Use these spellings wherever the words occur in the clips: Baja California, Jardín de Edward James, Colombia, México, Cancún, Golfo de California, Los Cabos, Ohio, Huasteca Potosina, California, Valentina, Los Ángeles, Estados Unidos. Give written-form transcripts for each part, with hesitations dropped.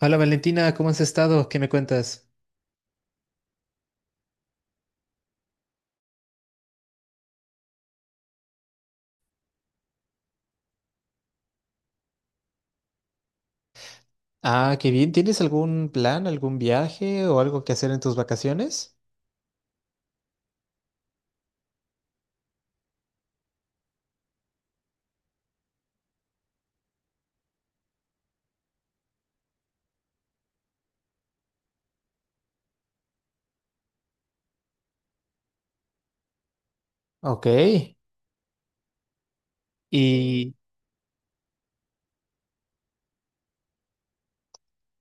Hola Valentina, ¿cómo has estado? ¿Qué me cuentas? Ah, qué bien. ¿Tienes algún plan, algún viaje o algo que hacer en tus vacaciones? Ok. Y,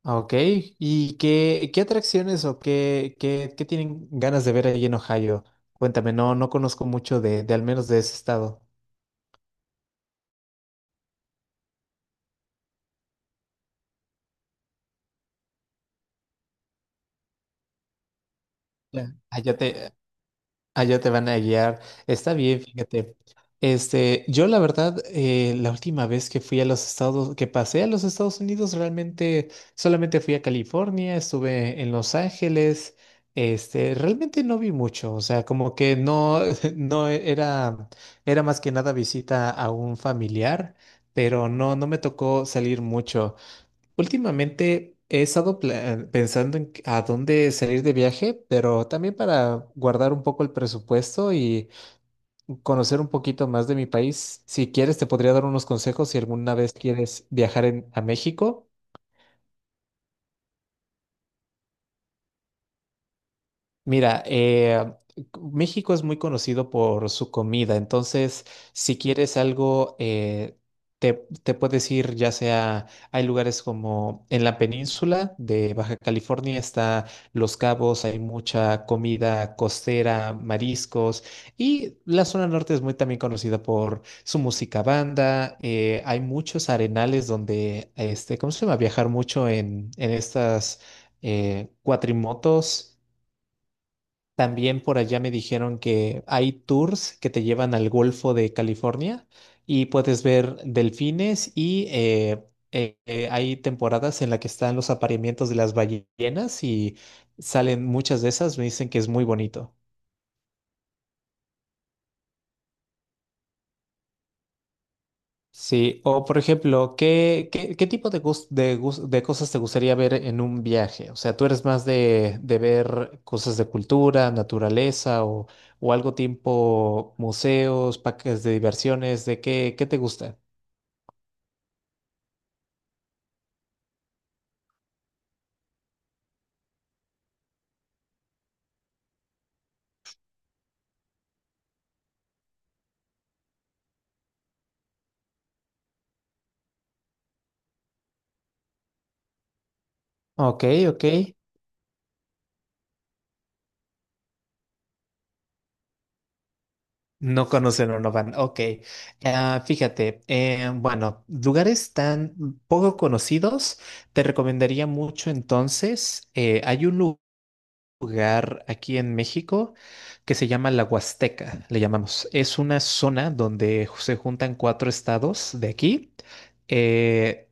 ok. ¿Y qué atracciones o qué tienen ganas de ver ahí en Ohio? Cuéntame, no, no conozco mucho de al menos de ese estado. Ya. Allá te van a guiar. Está bien, fíjate. Este, yo la verdad, la última vez que fui a los Estados, que pasé a los Estados Unidos, realmente solamente fui a California, estuve en Los Ángeles. Este, realmente no vi mucho, o sea, como que no, no era, era más que nada visita a un familiar, pero no, no me tocó salir mucho. Últimamente he estado pensando a dónde salir de viaje, pero también para guardar un poco el presupuesto y conocer un poquito más de mi país. Si quieres, te podría dar unos consejos si alguna vez quieres viajar a México. Mira, México es muy conocido por su comida, entonces si quieres algo, te, te puedes ir, ya sea, hay lugares como en la península de Baja California, está Los Cabos, hay mucha comida costera, mariscos, y la zona norte es muy también conocida por su música banda, hay muchos arenales donde, este, ¿cómo se llama? Viajar mucho en estas cuatrimotos. También por allá me dijeron que hay tours que te llevan al Golfo de California y puedes ver delfines y hay temporadas en las que están los apareamientos de las ballenas y salen muchas de esas, me dicen que es muy bonito. Sí, o por ejemplo, ¿qué tipo de cosas te gustaría ver en un viaje? O sea, ¿tú eres más de ver cosas de cultura, naturaleza o algo tipo museos, parques de diversiones? ¿De qué te gusta? Ok, ok. No conocen o no van. Ok. Ah, fíjate, bueno, lugares tan poco conocidos, te recomendaría mucho entonces. Hay un lugar. Lugar aquí en México que se llama la Huasteca, le llamamos. Es una zona donde se juntan cuatro estados de aquí. eh,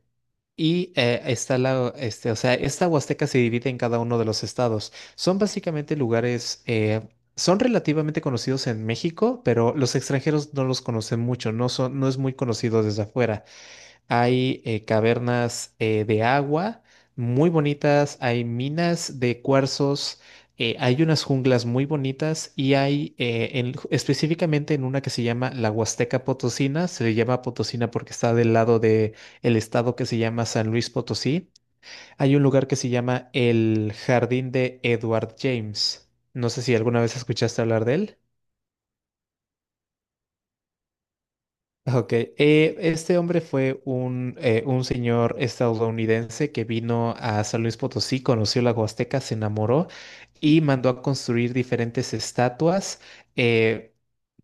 está la, este, o sea, esta Huasteca se divide en cada uno de los estados. Son básicamente lugares, son relativamente conocidos en México, pero los extranjeros no los conocen mucho, no son, no es muy conocido desde afuera. Hay cavernas de agua muy bonitas, hay minas de cuarzos, hay unas junglas muy bonitas y hay específicamente en una que se llama la Huasteca Potosina, se llama Potosina porque está del lado de el estado que se llama San Luis Potosí. Hay un lugar que se llama el Jardín de Edward James. No sé si alguna vez escuchaste hablar de él. Ok, este hombre fue un señor estadounidense que vino a San Luis Potosí, conoció la Huasteca, se enamoró y mandó a construir diferentes estatuas. eh,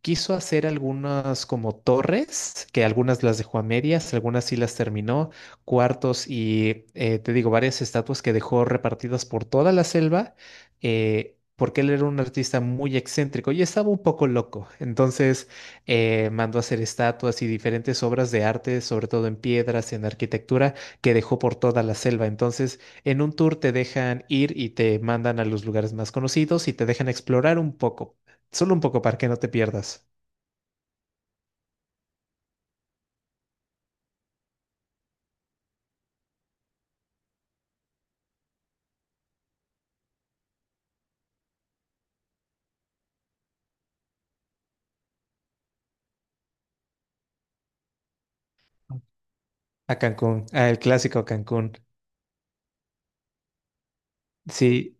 Quiso hacer algunas como torres, que algunas las dejó a medias, algunas sí las terminó, cuartos y te digo, varias estatuas que dejó repartidas por toda la selva, porque él era un artista muy excéntrico y estaba un poco loco. Entonces mandó a hacer estatuas y diferentes obras de arte, sobre todo en piedras, en arquitectura, que dejó por toda la selva. Entonces, en un tour te dejan ir y te mandan a los lugares más conocidos y te dejan explorar un poco. Solo un poco para que no te pierdas. A Cancún, a el clásico Cancún. Sí,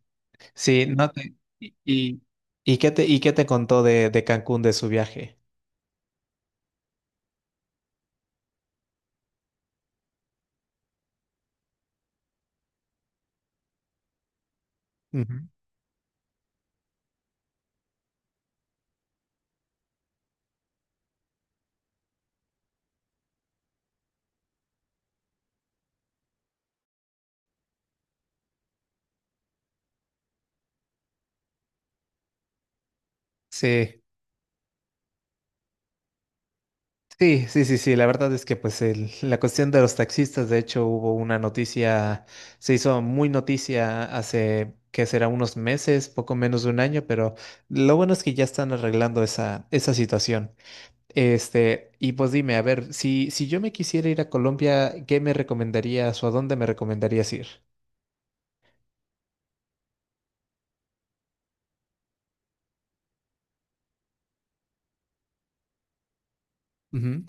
sí, no te... ¿Y, y qué te, y qué te contó de Cancún, de su viaje? Ujú. Sí, sí, sí, sí, sí. La verdad es que pues la cuestión de los taxistas, de hecho, hubo una noticia, se hizo muy noticia hace, que será unos meses, poco menos de un año, pero lo bueno es que ya están arreglando esa, esa situación. Este, y pues dime, a ver, si yo me quisiera ir a Colombia, ¿qué me recomendarías o a dónde me recomendarías ir? Ujú,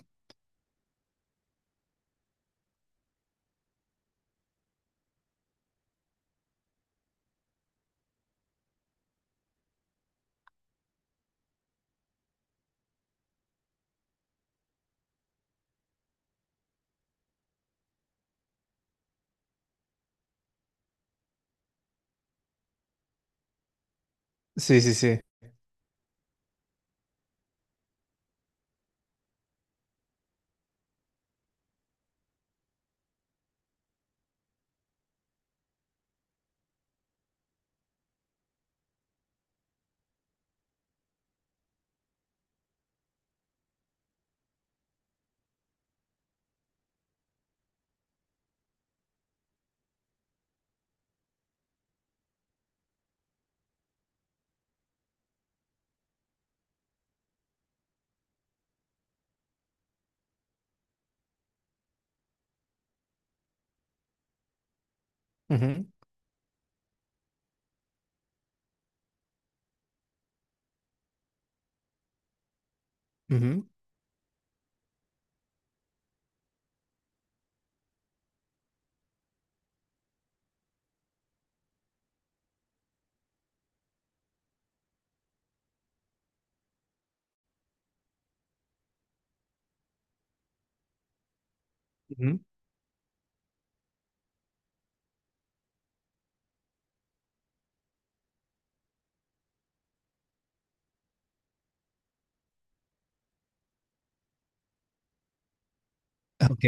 sí, sí, sí. Ujú, ujú, ujú. Ok.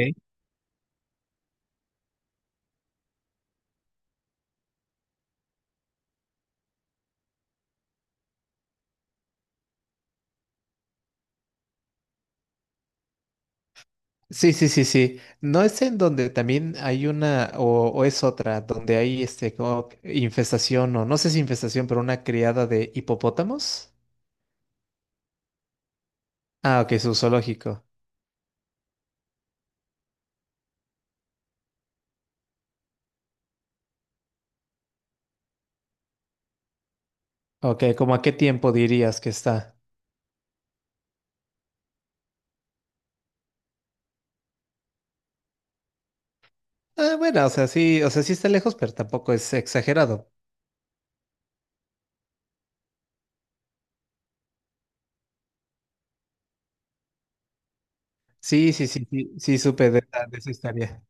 Sí, sí, sí, sí. ¿No es en donde también hay una o es otra, donde hay este como infestación o no sé si infestación, pero una criada de hipopótamos? Ah, ok, su zoológico. Ok, ¿cómo a qué tiempo dirías que está? Ah, bueno, o sea, sí está lejos, pero tampoco es exagerado. Sí, sí, sí, sí, sí, supe de esa historia.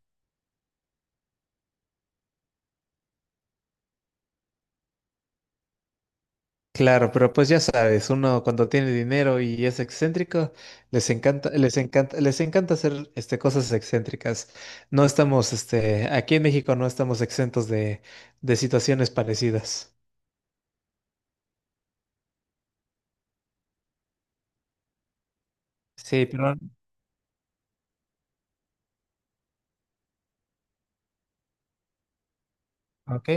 Claro, pero pues ya sabes, uno cuando tiene dinero y es excéntrico, les encanta, les encanta, les encanta hacer este, cosas excéntricas. No estamos, este, aquí en México no estamos exentos de situaciones parecidas. Sí, pero... Ok.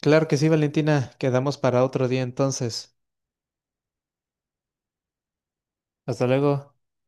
Claro que sí, Valentina. Quedamos para otro día entonces. Hasta luego.